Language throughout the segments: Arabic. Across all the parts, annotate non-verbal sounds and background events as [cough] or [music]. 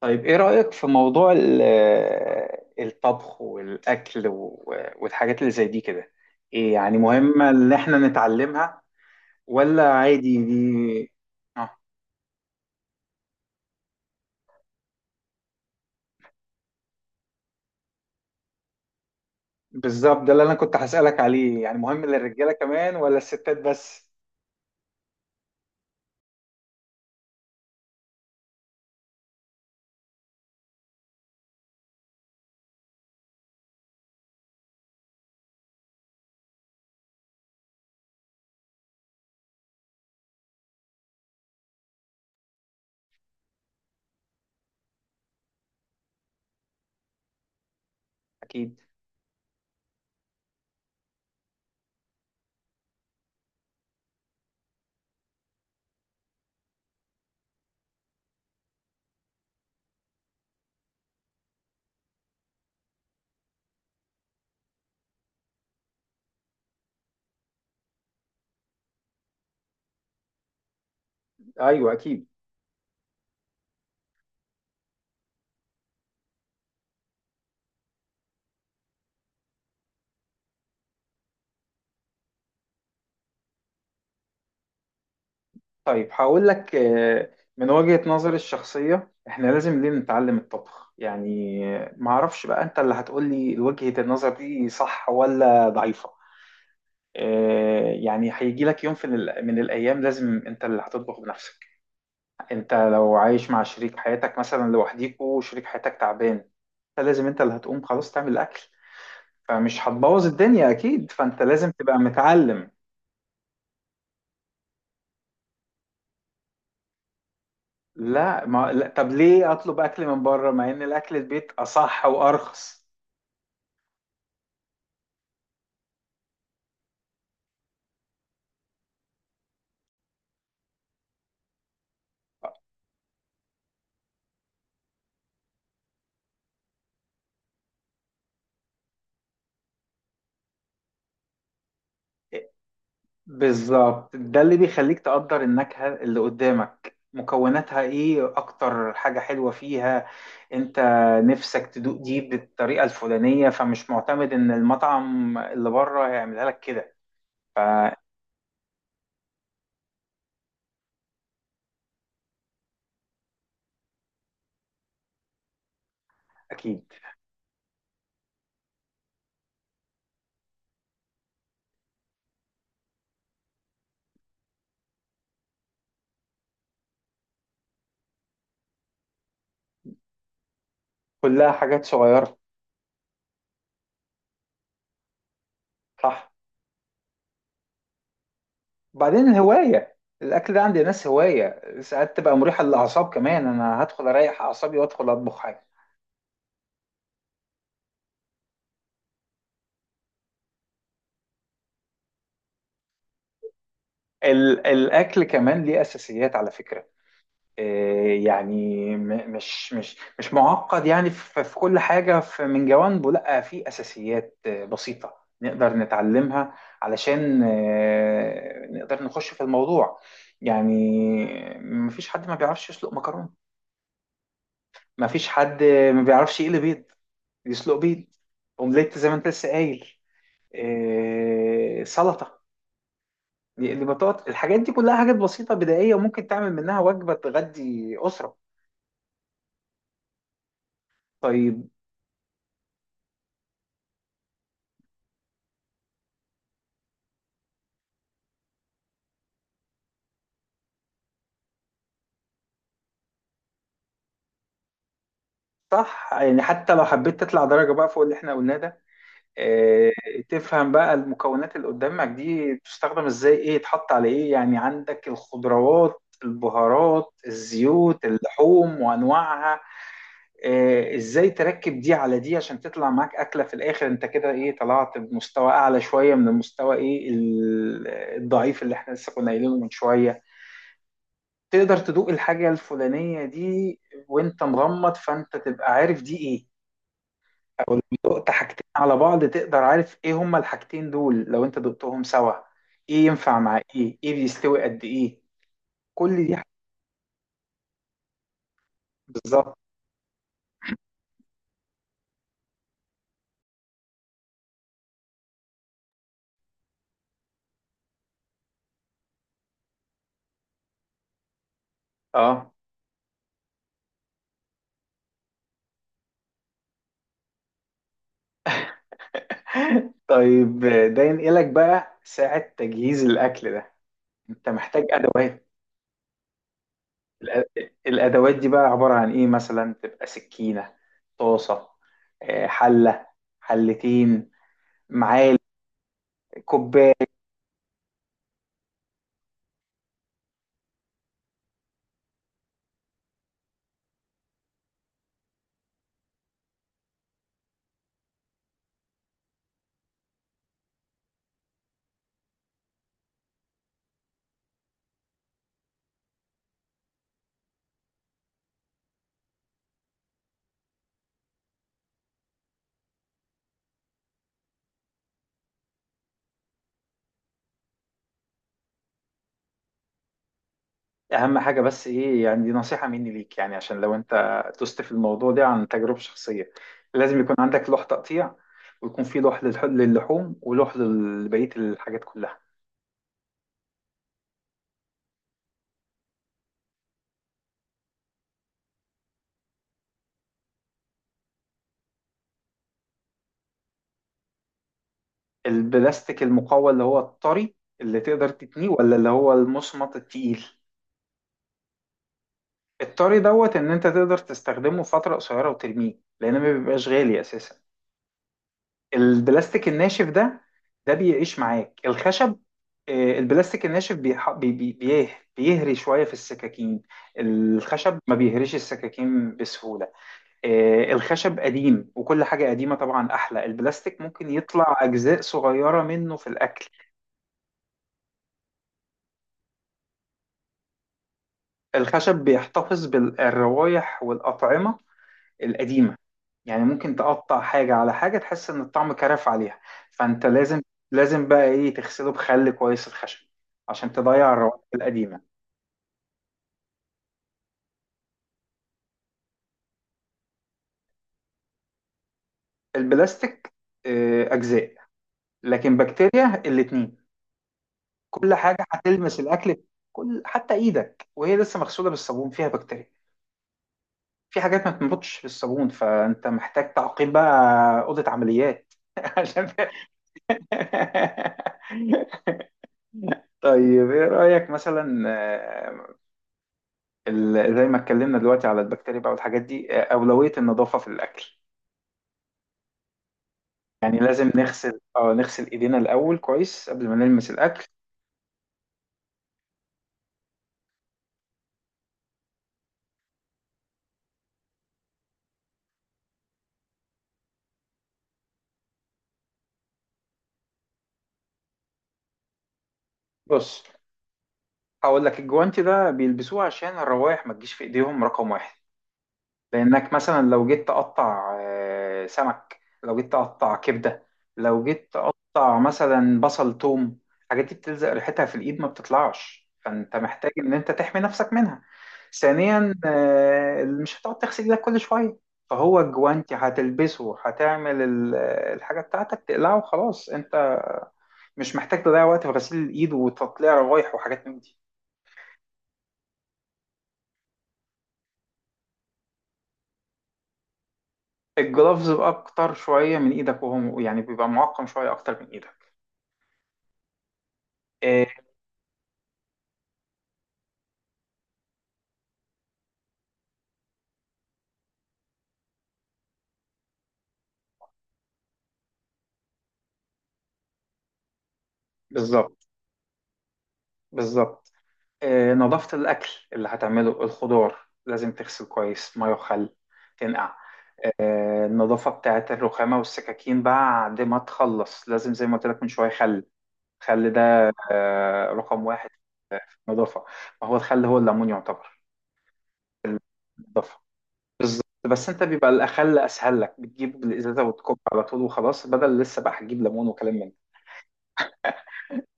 طيب، ايه رأيك في موضوع الطبخ والأكل والحاجات اللي زي دي كده؟ ايه يعني مهمة ان احنا نتعلمها ولا عادي دي؟ اه. بالظبط، ده اللي انا كنت هسألك عليه. يعني مهم للرجالة كمان ولا الستات بس؟ اكيد. ايوه اكيد. طيب هقول لك، من وجهة نظري الشخصية احنا لازم ليه نتعلم الطبخ. يعني معرفش بقى انت اللي هتقولي وجهة النظر دي صح ولا ضعيفة. يعني هيجي لك يوم من الأيام لازم أنت اللي هتطبخ بنفسك. أنت لو عايش مع شريك حياتك مثلا لوحديكوا وشريك حياتك تعبان، فلازم أنت اللي هتقوم خلاص تعمل الأكل، فمش هتبوظ الدنيا أكيد، فأنت لازم تبقى متعلم. لا، ما لا طب ليه أطلب أكل من بره مع إن الأكل البيت أصح وأرخص؟ بالظبط، ده اللي بيخليك تقدر النكهة اللي قدامك مكوناتها ايه. اكتر حاجة حلوة فيها انت نفسك تدوق دي بالطريقة الفلانية، فمش معتمد ان المطعم اللي بره هيعملها لك كده. اكيد. كلها حاجات صغيرة. صح. بعدين الهواية الاكل ده عند ناس هواية ساعات تبقى مريحة للاعصاب كمان، انا هدخل اريح اعصابي وادخل اطبخ حاجة. الاكل كمان ليه اساسيات على فكرة. يعني مش معقد. يعني في كل حاجة من جوانبه لا، في أساسيات بسيطة نقدر نتعلمها، علشان نقدر نخش في الموضوع. يعني مفيش حد ما بيعرفش يسلق مكرونة. مفيش حد ما بيعرفش يقلي بيض، يسلق بيض، أومليت زي ما أنت لسه قايل، سلطة، يقلي بطاطا. الحاجات دي كلها حاجات بسيطة بدائية، وممكن تعمل منها وجبة تغدي أسرة. طيب. صح، يعني حتى لو حبيت تطلع درجة بقى فوق اللي احنا قلناه ده. اه. تفهم بقى المكونات اللي قدامك دي بتستخدم ازاي، ايه يتحط على ايه. يعني عندك الخضروات، البهارات، الزيوت، اللحوم وانواعها. اه ازاي تركب دي على دي عشان تطلع معاك اكلة في الاخر، انت كده ايه طلعت بمستوى اعلى شوية من المستوى، ايه الضعيف اللي احنا لسه كنا قايلينه من شوية. تقدر تدوق الحاجة الفلانية دي وانت مغمض، فانت تبقى عارف دي ايه. ولو دقت حاجتين على بعض تقدر عارف ايه هما الحاجتين دول لو انت دقتهم سوا، ايه ينفع مع ايه، ايه بيستوي قد ايه. كل دي حاجات. بالظبط. اه. [laughs] طيب، ده ينقلك بقى ساعة تجهيز الأكل ده. أنت محتاج أدوات. الأ- الأدوات دي بقى عبارة عن إيه، مثلا تبقى سكينة، طاسة، حلة، حلتين، معالق، كوباية. اهم حاجه بس ايه، يعني دي نصيحه مني ليك، يعني عشان لو انت تست في الموضوع ده عن تجربه شخصيه، لازم يكون عندك لوح تقطيع، ويكون في لوح للحوم ولوح لبقيه الحاجات كلها. البلاستيك المقوى اللي هو الطري اللي تقدر تتنيه، ولا اللي هو المصمت التقيل؟ الطري دوت ان انت تقدر تستخدمه فتره قصيره وترميه لان ما بيبقاش غالي اساسا. البلاستيك الناشف ده، ده بيعيش معاك الخشب. البلاستيك الناشف بيهري شوية في السكاكين. الخشب ما بيهريش السكاكين بسهولة. الخشب قديم وكل حاجة قديمة طبعا أحلى. البلاستيك ممكن يطلع أجزاء صغيرة منه في الأكل. الخشب بيحتفظ بالروايح والأطعمة القديمة، يعني ممكن تقطع حاجة على حاجة تحس إن الطعم كرف عليها. فأنت لازم، لازم بقى إيه تغسله بخل كويس الخشب عشان تضيع الروائح القديمة. البلاستيك أجزاء، لكن بكتيريا الاتنين. كل حاجة هتلمس الأكل، كل حتى إيدك وهي لسه مغسولة بالصابون فيها بكتيريا. في حاجات ما بتنبطش بالصابون فأنت محتاج تعقيم بقى، أوضة عمليات [laughs] عشان [laughs] طيب، إيه رأيك مثلا زي ما اتكلمنا دلوقتي على البكتيريا بقى والحاجات دي، أولوية النظافة في الأكل. يعني لازم نغسل ايدينا الأول كويس قبل ما نلمس الأكل. بص، هقول لك الجوانتي ده بيلبسوه عشان الروائح ما تجيش في ايديهم، رقم واحد. لانك مثلا لو جيت تقطع سمك، لو جيت تقطع كبده، لو جيت تقطع مثلا بصل توم، الحاجات دي بتلزق ريحتها في الايد ما بتطلعش، فانت محتاج ان انت تحمي نفسك منها. ثانيا مش هتقعد تغسل ايدك كل شويه، فهو الجوانتي هتلبسه هتعمل الحاجه بتاعتك تقلعه وخلاص، انت مش محتاج تضيع وقت في غسيل الايد وتطليع روايح وحاجات من دي. الجلافز بقى اكتر شويه من ايدك، وهو يعني بيبقى معقم شويه اكتر من ايدك. آه، بالظبط، بالظبط. نظافة الأكل اللي هتعمله، الخضار لازم تغسل كويس مية وخل، تنقع. النظافة بتاعة الرخامة والسكاكين بعد ما تخلص لازم زي ما قلت لك من شوية، خل. الخل ده رقم واحد في النظافة. ما هو الخل هو الليمون يعتبر في النظافة. بالظبط، بس انت بيبقى الأخل أسهل لك، بتجيب الإزازة وتكب على طول وخلاص، بدل لسه بقى هتجيب ليمون وكلام من ده.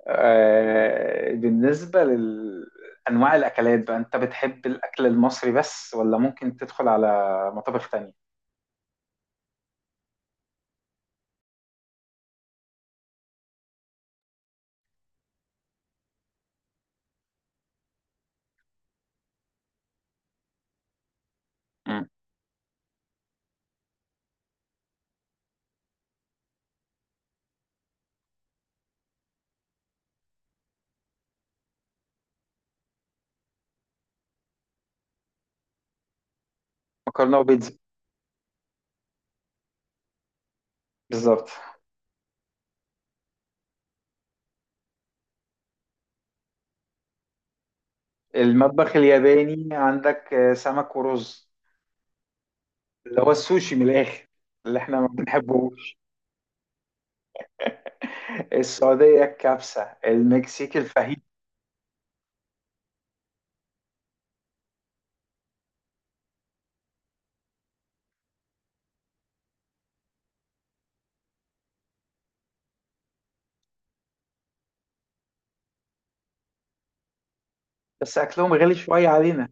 بالنسبة لأنواع الأكلات بقى، أنت بتحب الأكل المصري بس ولا ممكن تدخل على مطابخ تانية؟ مم. مكرونة وبيتزا. بالظبط. المطبخ الياباني عندك سمك ورز، اللي هو السوشي من الآخر، اللي احنا ما بنحبوش. [laughs] السعودية الكبسة، المكسيك الفاهيتا. بس أكلهم غالي شوية علينا.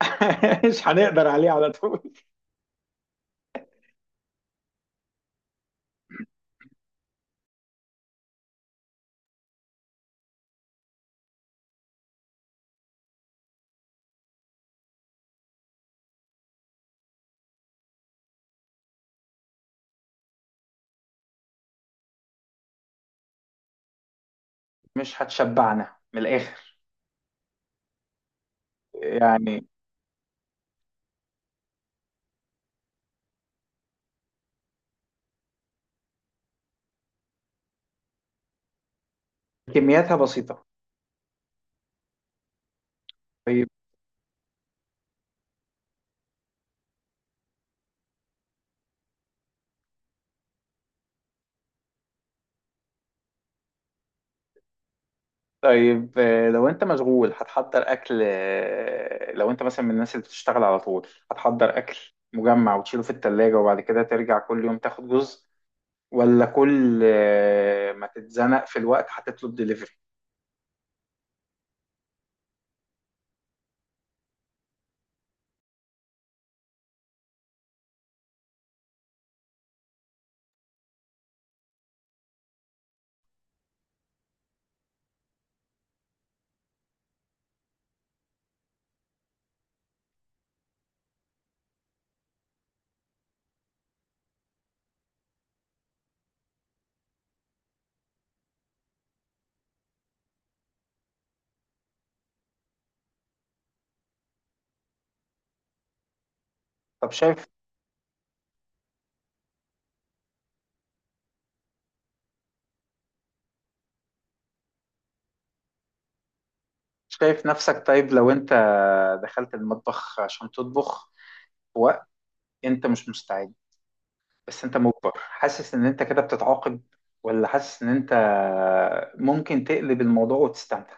[laughs] مش هنقدر عليه على طول. مش هتشبعنا من الآخر يعني. كمياتها بسيطة. طيب. طيب لو انت مشغول هتحضر اكل، لو انت مثلا من الناس اللي بتشتغل على طول، هتحضر اكل مجمع وتشيله في التلاجة وبعد كده ترجع كل يوم تاخد جزء، ولا كل ما تتزنق في الوقت هتطلب دليفري؟ طب شايف نفسك. طيب لو انت دخلت المطبخ عشان تطبخ في وقت انت مش مستعد، بس انت مجبر، حاسس ان انت كده بتتعاقب، ولا حاسس ان انت ممكن تقلب الموضوع وتستمتع؟